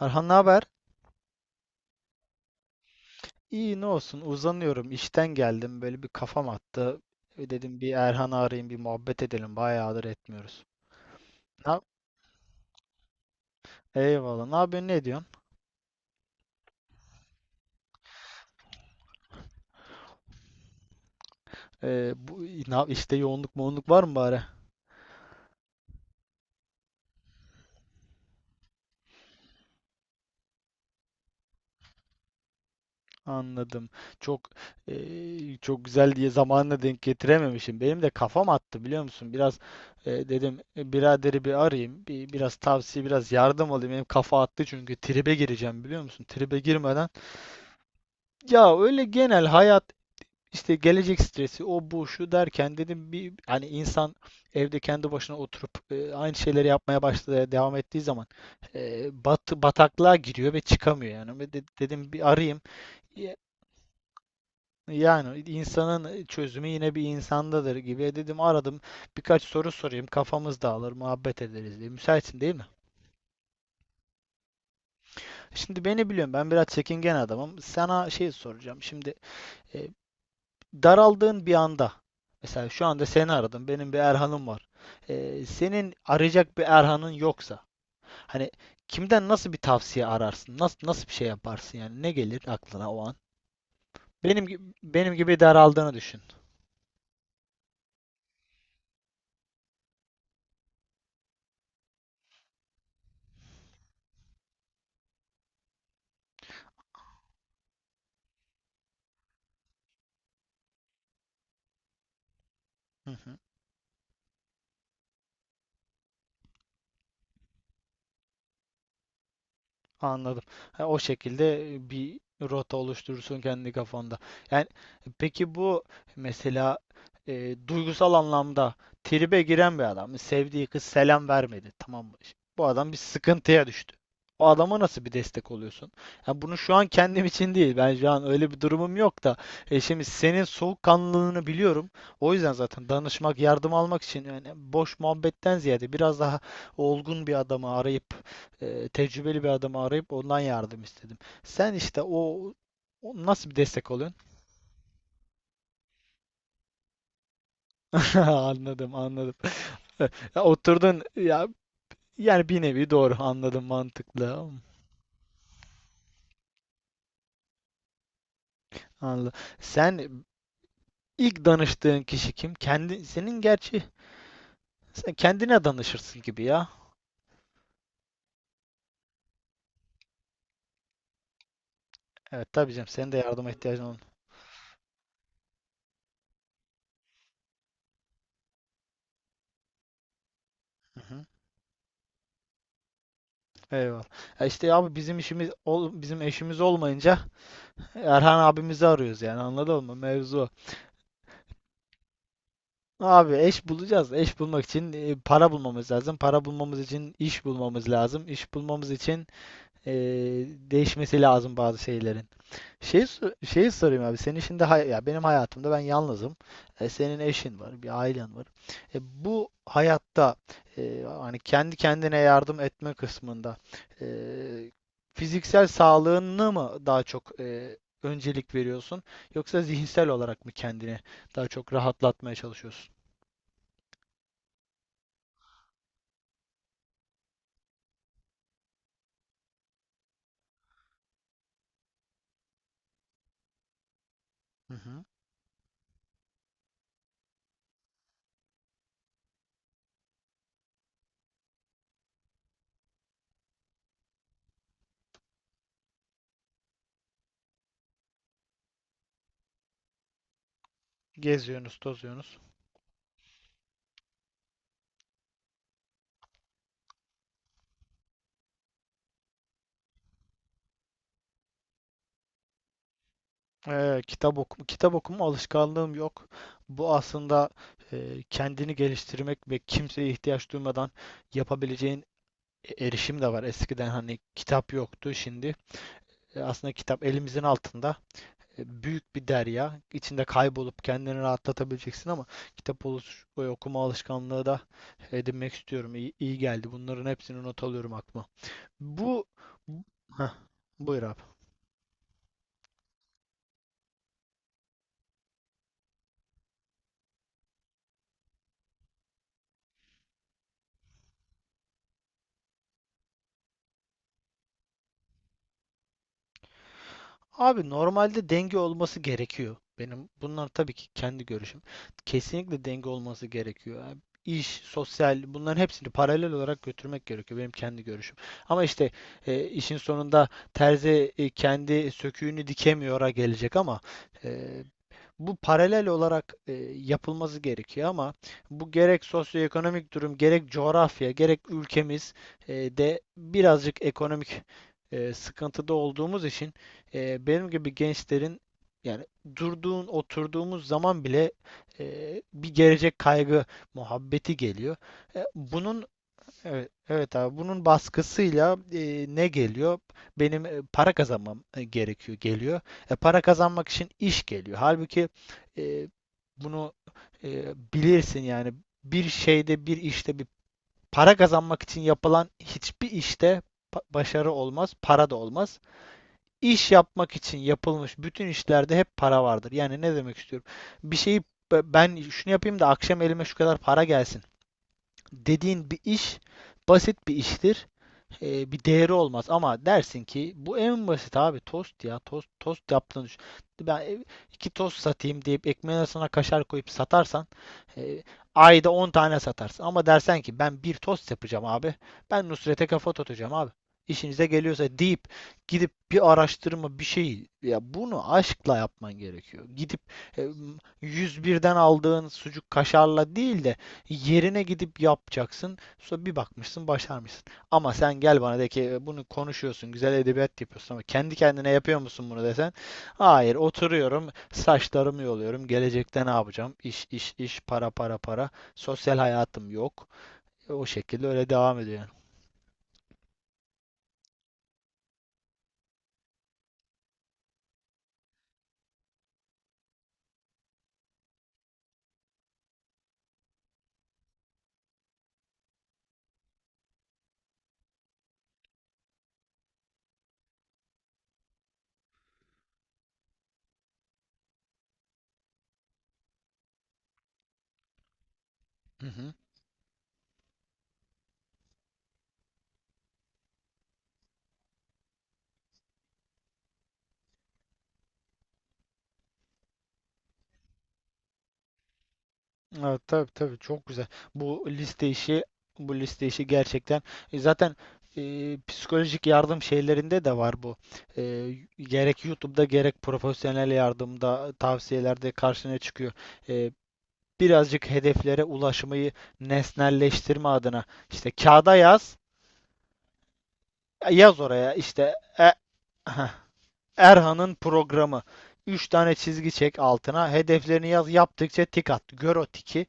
Erhan, ne haber? İyi, ne olsun, uzanıyorum, işten geldim, böyle bir kafam attı. Dedim bir Erhan'ı arayayım, bir muhabbet edelim, bayağıdır etmiyoruz. Ne? Eyvallah, ne yapıyorsun, ne diyorsun? E, bu, işte yoğunluk moğunluk var mı bari? Anladım. Çok çok güzel diye zamanına denk getirememişim. Benim de kafam attı, biliyor musun? Biraz dedim, biraderi bir arayayım. Biraz tavsiye, biraz yardım alayım. Benim kafa attı çünkü tribe gireceğim, biliyor musun? Tribe girmeden, ya öyle genel hayat, İşte gelecek stresi, o bu şu derken dedim, bir hani insan evde kendi başına oturup aynı şeyleri yapmaya başladı, devam ettiği zaman bataklığa giriyor ve çıkamıyor yani. Dedim bir arayayım. Ya- Yani insanın çözümü yine bir insandadır gibi. Dedim aradım. Birkaç soru sorayım, kafamız dağılır, muhabbet ederiz diye. Müsaitsin değil mi? Şimdi beni biliyorum. Ben biraz çekingen adamım. Sana şey soracağım. Şimdi e, daraldığın bir anda, mesela şu anda seni aradım. Benim bir Erhan'ım var. Senin arayacak bir Erhan'ın yoksa, hani kimden, nasıl bir tavsiye ararsın? Nasıl bir şey yaparsın yani? Ne gelir aklına o an? Benim gibi daraldığını düşün. Hı hı. Anladım. Ha, o şekilde bir rota oluşturursun kendi kafanda. Yani peki, bu mesela duygusal anlamda tribe giren bir adam, sevdiği kız selam vermedi, tamam mı? Bu adam bir sıkıntıya düştü. O adama nasıl bir destek oluyorsun? Ya, bunu şu an kendim için değil, ben şu an öyle bir durumum yok da. Şimdi senin soğukkanlılığını biliyorum. O yüzden zaten danışmak, yardım almak için, yani boş muhabbetten ziyade biraz daha olgun bir adamı arayıp, tecrübeli bir adamı arayıp ondan yardım istedim. Sen işte o nasıl bir destek oluyorsun? Anladım, anladım. Ya oturdun ya, yani bir nevi, doğru anladım, mantıklı. Anladım. Sen ilk danıştığın kişi kim? Kendi senin, gerçi sen kendine danışırsın gibi ya. Evet, tabii canım, senin de yardıma ihtiyacın olur. Hı hı. Eyvallah. Ya işte abi, bizim işimiz bizim eşimiz olmayınca Erhan abimizi arıyoruz yani, anladın mı? Mevzu o. Abi, eş bulacağız. Eş bulmak için para bulmamız lazım. Para bulmamız için iş bulmamız lazım. İş bulmamız için e, değişmesi lazım bazı şeylerin. Şeyi sorayım abi. Senin şimdi ya, benim hayatımda ben yalnızım. Senin eşin var, bir ailen var. E, Bu hayatta hani kendi kendine yardım etme kısmında, e, fiziksel sağlığını mı daha çok öncelik veriyorsun, yoksa zihinsel olarak mı kendini daha çok rahatlatmaya çalışıyorsun? Hı hı. Geziyorsunuz, tozuyorsunuz. Kitap okuma alışkanlığım yok. Bu aslında kendini geliştirmek ve kimseye ihtiyaç duymadan yapabileceğin erişim de var. Eskiden hani kitap yoktu, şimdi aslında kitap elimizin altında. Büyük bir derya, İçinde kaybolup kendini rahatlatabileceksin ama okuma alışkanlığı da edinmek istiyorum. İyi, iyi geldi. Bunların hepsini not alıyorum aklıma. Bu Heh, buyur abi. Abi, normalde denge olması gerekiyor. Benim bunlar tabii ki kendi görüşüm. Kesinlikle denge olması gerekiyor. Yani İş, sosyal, bunların hepsini paralel olarak götürmek gerekiyor. Benim kendi görüşüm. Ama işte işin sonunda terzi kendi söküğünü dikemiyor'a gelecek ama e, bu paralel olarak yapılması gerekiyor ama bu, gerek sosyoekonomik durum, gerek coğrafya, gerek ülkemiz de birazcık ekonomik sıkıntıda olduğumuz için benim gibi gençlerin, yani oturduğumuz zaman bile bir gelecek kaygı muhabbeti geliyor. E, bunun Evet, evet abi, bunun baskısıyla ne geliyor? Benim para kazanmam gerekiyor geliyor. Para kazanmak için iş geliyor. Halbuki e, bunu e, bilirsin yani, bir şeyde, bir işte, bir para kazanmak için yapılan hiçbir işte başarı olmaz, para da olmaz. İş yapmak için yapılmış bütün işlerde hep para vardır. Yani ne demek istiyorum? Bir şeyi, ben şunu yapayım da akşam elime şu kadar para gelsin dediğin bir iş basit bir iştir, bir değeri olmaz. Ama dersin ki, bu en basit abi, tost, ya tost yaptığını düşün. Ben iki tost satayım deyip ekmeğin arasına kaşar koyup satarsan e, ayda 10 tane satarsın. Ama dersen ki ben bir tost yapacağım abi. Ben Nusret'e kafa tutacağım abi. İşinize geliyorsa deyip gidip bir araştırma, bir şey, ya bunu aşkla yapman gerekiyor. Gidip e, yüz birden aldığın sucuk kaşarla değil de yerine gidip yapacaksın. Sonra bir bakmışsın başarmışsın. Ama sen gel bana de ki, Bunu konuşuyorsun, güzel edebiyat yapıyorsun ama kendi kendine yapıyor musun bunu desen? Hayır, oturuyorum, saçlarımı yoluyorum, gelecekte ne yapacağım? İş iş, iş, para, para, para. Sosyal hayatım yok. O şekilde öyle devam ediyor yani." Hı hı. Evet, tabii tabii, çok güzel. Bu liste işi, bu liste işi gerçekten zaten psikolojik yardım şeylerinde de var bu. E, Gerek YouTube'da, gerek profesyonel yardımda tavsiyelerde karşına çıkıyor. E, Birazcık hedeflere ulaşmayı nesnelleştirme adına işte kağıda yaz, yaz oraya işte Erhan'ın programı. Üç tane çizgi çek altına. Hedeflerini yaz. Yaptıkça tik at. Gör o tiki.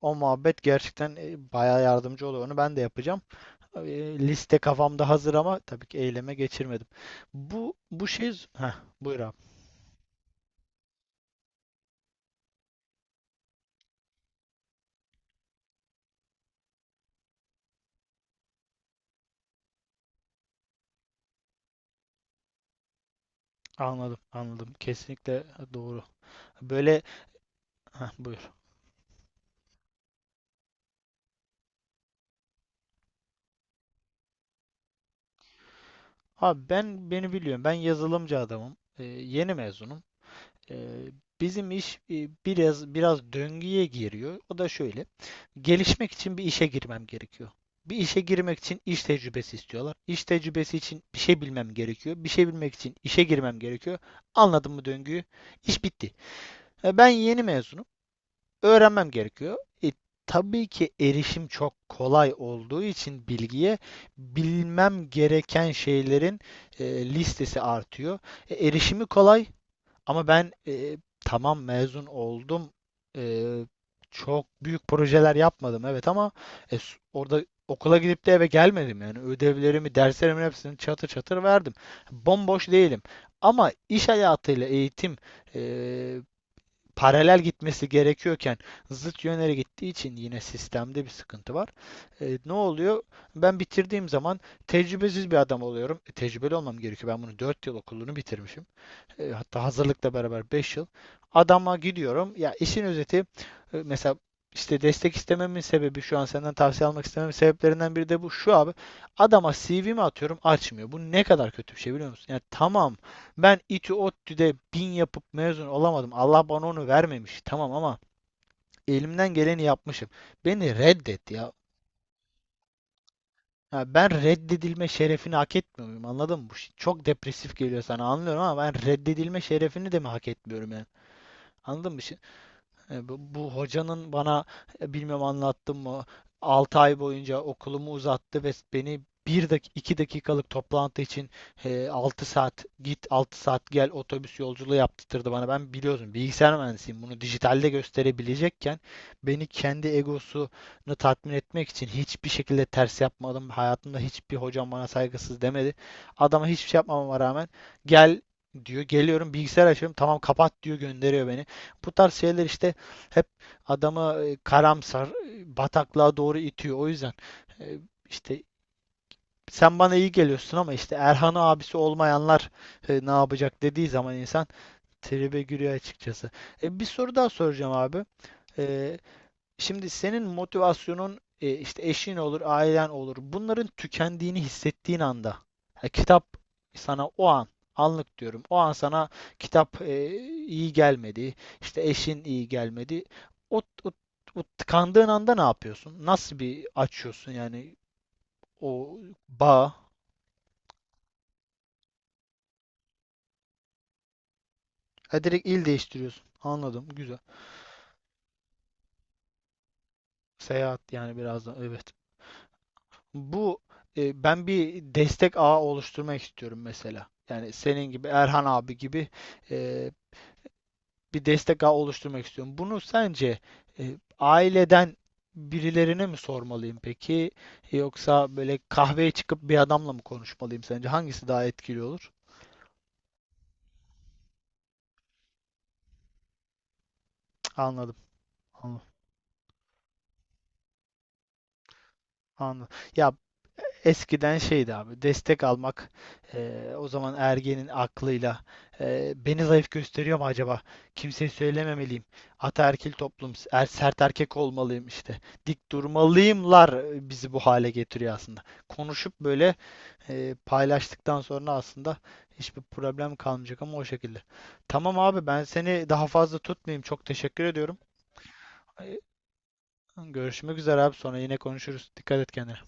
O muhabbet gerçekten bayağı yardımcı oluyor. Onu ben de yapacağım. Liste kafamda hazır ama tabii ki eyleme geçirmedim. Bu bu şey Heh, buyur abi. Anladım, anladım. Kesinlikle doğru. Böyle Heh, buyur. Abi, ben beni biliyorum. Ben yazılımcı adamım. Yeni mezunum. Ee, Bizim iş biraz biraz döngüye giriyor. O da şöyle. Gelişmek için bir işe girmem gerekiyor. Bir işe girmek için iş tecrübesi istiyorlar. İş tecrübesi için bir şey bilmem gerekiyor. Bir şey bilmek için işe girmem gerekiyor. Anladın mı döngüyü? İş bitti. Ben yeni mezunum, öğrenmem gerekiyor. E, tabii ki erişim çok kolay olduğu için bilgiye, bilmem gereken şeylerin listesi artıyor. Erişimi kolay ama ben, tamam, mezun oldum. E, Çok büyük projeler yapmadım evet ama e, orada okula gidip de eve gelmedim yani, ödevlerimi, derslerimin hepsini çatır çatır verdim. Bomboş değilim. Ama iş hayatıyla eğitim e, paralel gitmesi gerekiyorken zıt yönlere gittiği için yine sistemde bir sıkıntı var. Ne oluyor? Ben bitirdiğim zaman tecrübesiz bir adam oluyorum. Tecrübeli olmam gerekiyor. Ben bunu 4 yıl okulunu bitirmişim. Hatta hazırlıkla beraber 5 yıl. Adama gidiyorum. Ya, işin özeti, mesela işte destek istememin sebebi, şu an senden tavsiye almak istememin sebeplerinden biri de bu şu abi. Adama CV'mi atıyorum, açmıyor. Bu ne kadar kötü bir şey biliyor musun? Yani tamam, ben İTÜ ODTÜ'de bin yapıp mezun olamadım. Allah bana onu vermemiş. Tamam ama elimden geleni yapmışım. Beni reddet ya. Ya, ben reddedilme şerefini hak etmiyor muyum? Anladın mı? Bu şey çok depresif geliyor sana, anlıyorum ama ben reddedilme şerefini de mi hak etmiyorum yani? Anladın mı? Bu hocanın bana, bilmem anlattım mı, 6 ay boyunca okulumu uzattı ve beni bir dak 2 dakikalık toplantı için 6 saat git, 6 saat gel otobüs yolculuğu yaptırdı bana. Ben, biliyorsun, bilgisayar mühendisiyim. Bunu dijitalde gösterebilecekken, beni kendi egosunu tatmin etmek için hiçbir şekilde ters yapmadım. Hayatımda hiçbir hocam bana saygısız demedi. Adama hiçbir şey yapmamama rağmen gel diyor. Geliyorum, bilgisayar açıyorum. Tamam kapat diyor, gönderiyor beni. Bu tarz şeyler işte hep adamı karamsar, bataklığa doğru itiyor. O yüzden e, işte sen bana iyi geliyorsun ama işte Erhan abisi olmayanlar ne yapacak dediği zaman insan tribe giriyor açıkçası. Bir soru daha soracağım abi. E, Şimdi senin motivasyonun işte eşin olur, ailen olur. Bunların tükendiğini hissettiğin anda, ya, kitap sana o an, anlık diyorum. O an sana kitap iyi gelmedi, işte eşin iyi gelmedi. O, o, o tıkandığın anda ne yapıyorsun? Nasıl bir açıyorsun yani o bağ? Ha, direkt il değiştiriyorsun. Anladım, güzel. Seyahat yani biraz da, evet. Bu Ben bir destek ağı oluşturmak istiyorum mesela. Yani senin gibi, Erhan abi gibi, e, bir destek ağı oluşturmak istiyorum. Bunu sence aileden birilerine mi sormalıyım peki? Yoksa böyle kahveye çıkıp bir adamla mı konuşmalıyım sence? Hangisi daha etkili olur? Cık. Anladım. Anladım. Anladım. Ya, eskiden şeydi abi, destek almak, o zaman ergenin aklıyla beni zayıf gösteriyor mu acaba? Kimseye söylememeliyim. Ataerkil toplum, sert erkek olmalıyım işte. Dik durmalıyımlar, bizi bu hale getiriyor aslında. Konuşup böyle, paylaştıktan sonra aslında hiçbir problem kalmayacak ama o şekilde. Tamam abi, ben seni daha fazla tutmayayım. Çok teşekkür ediyorum. Ay, Görüşmek üzere abi, sonra yine konuşuruz. Dikkat et kendine.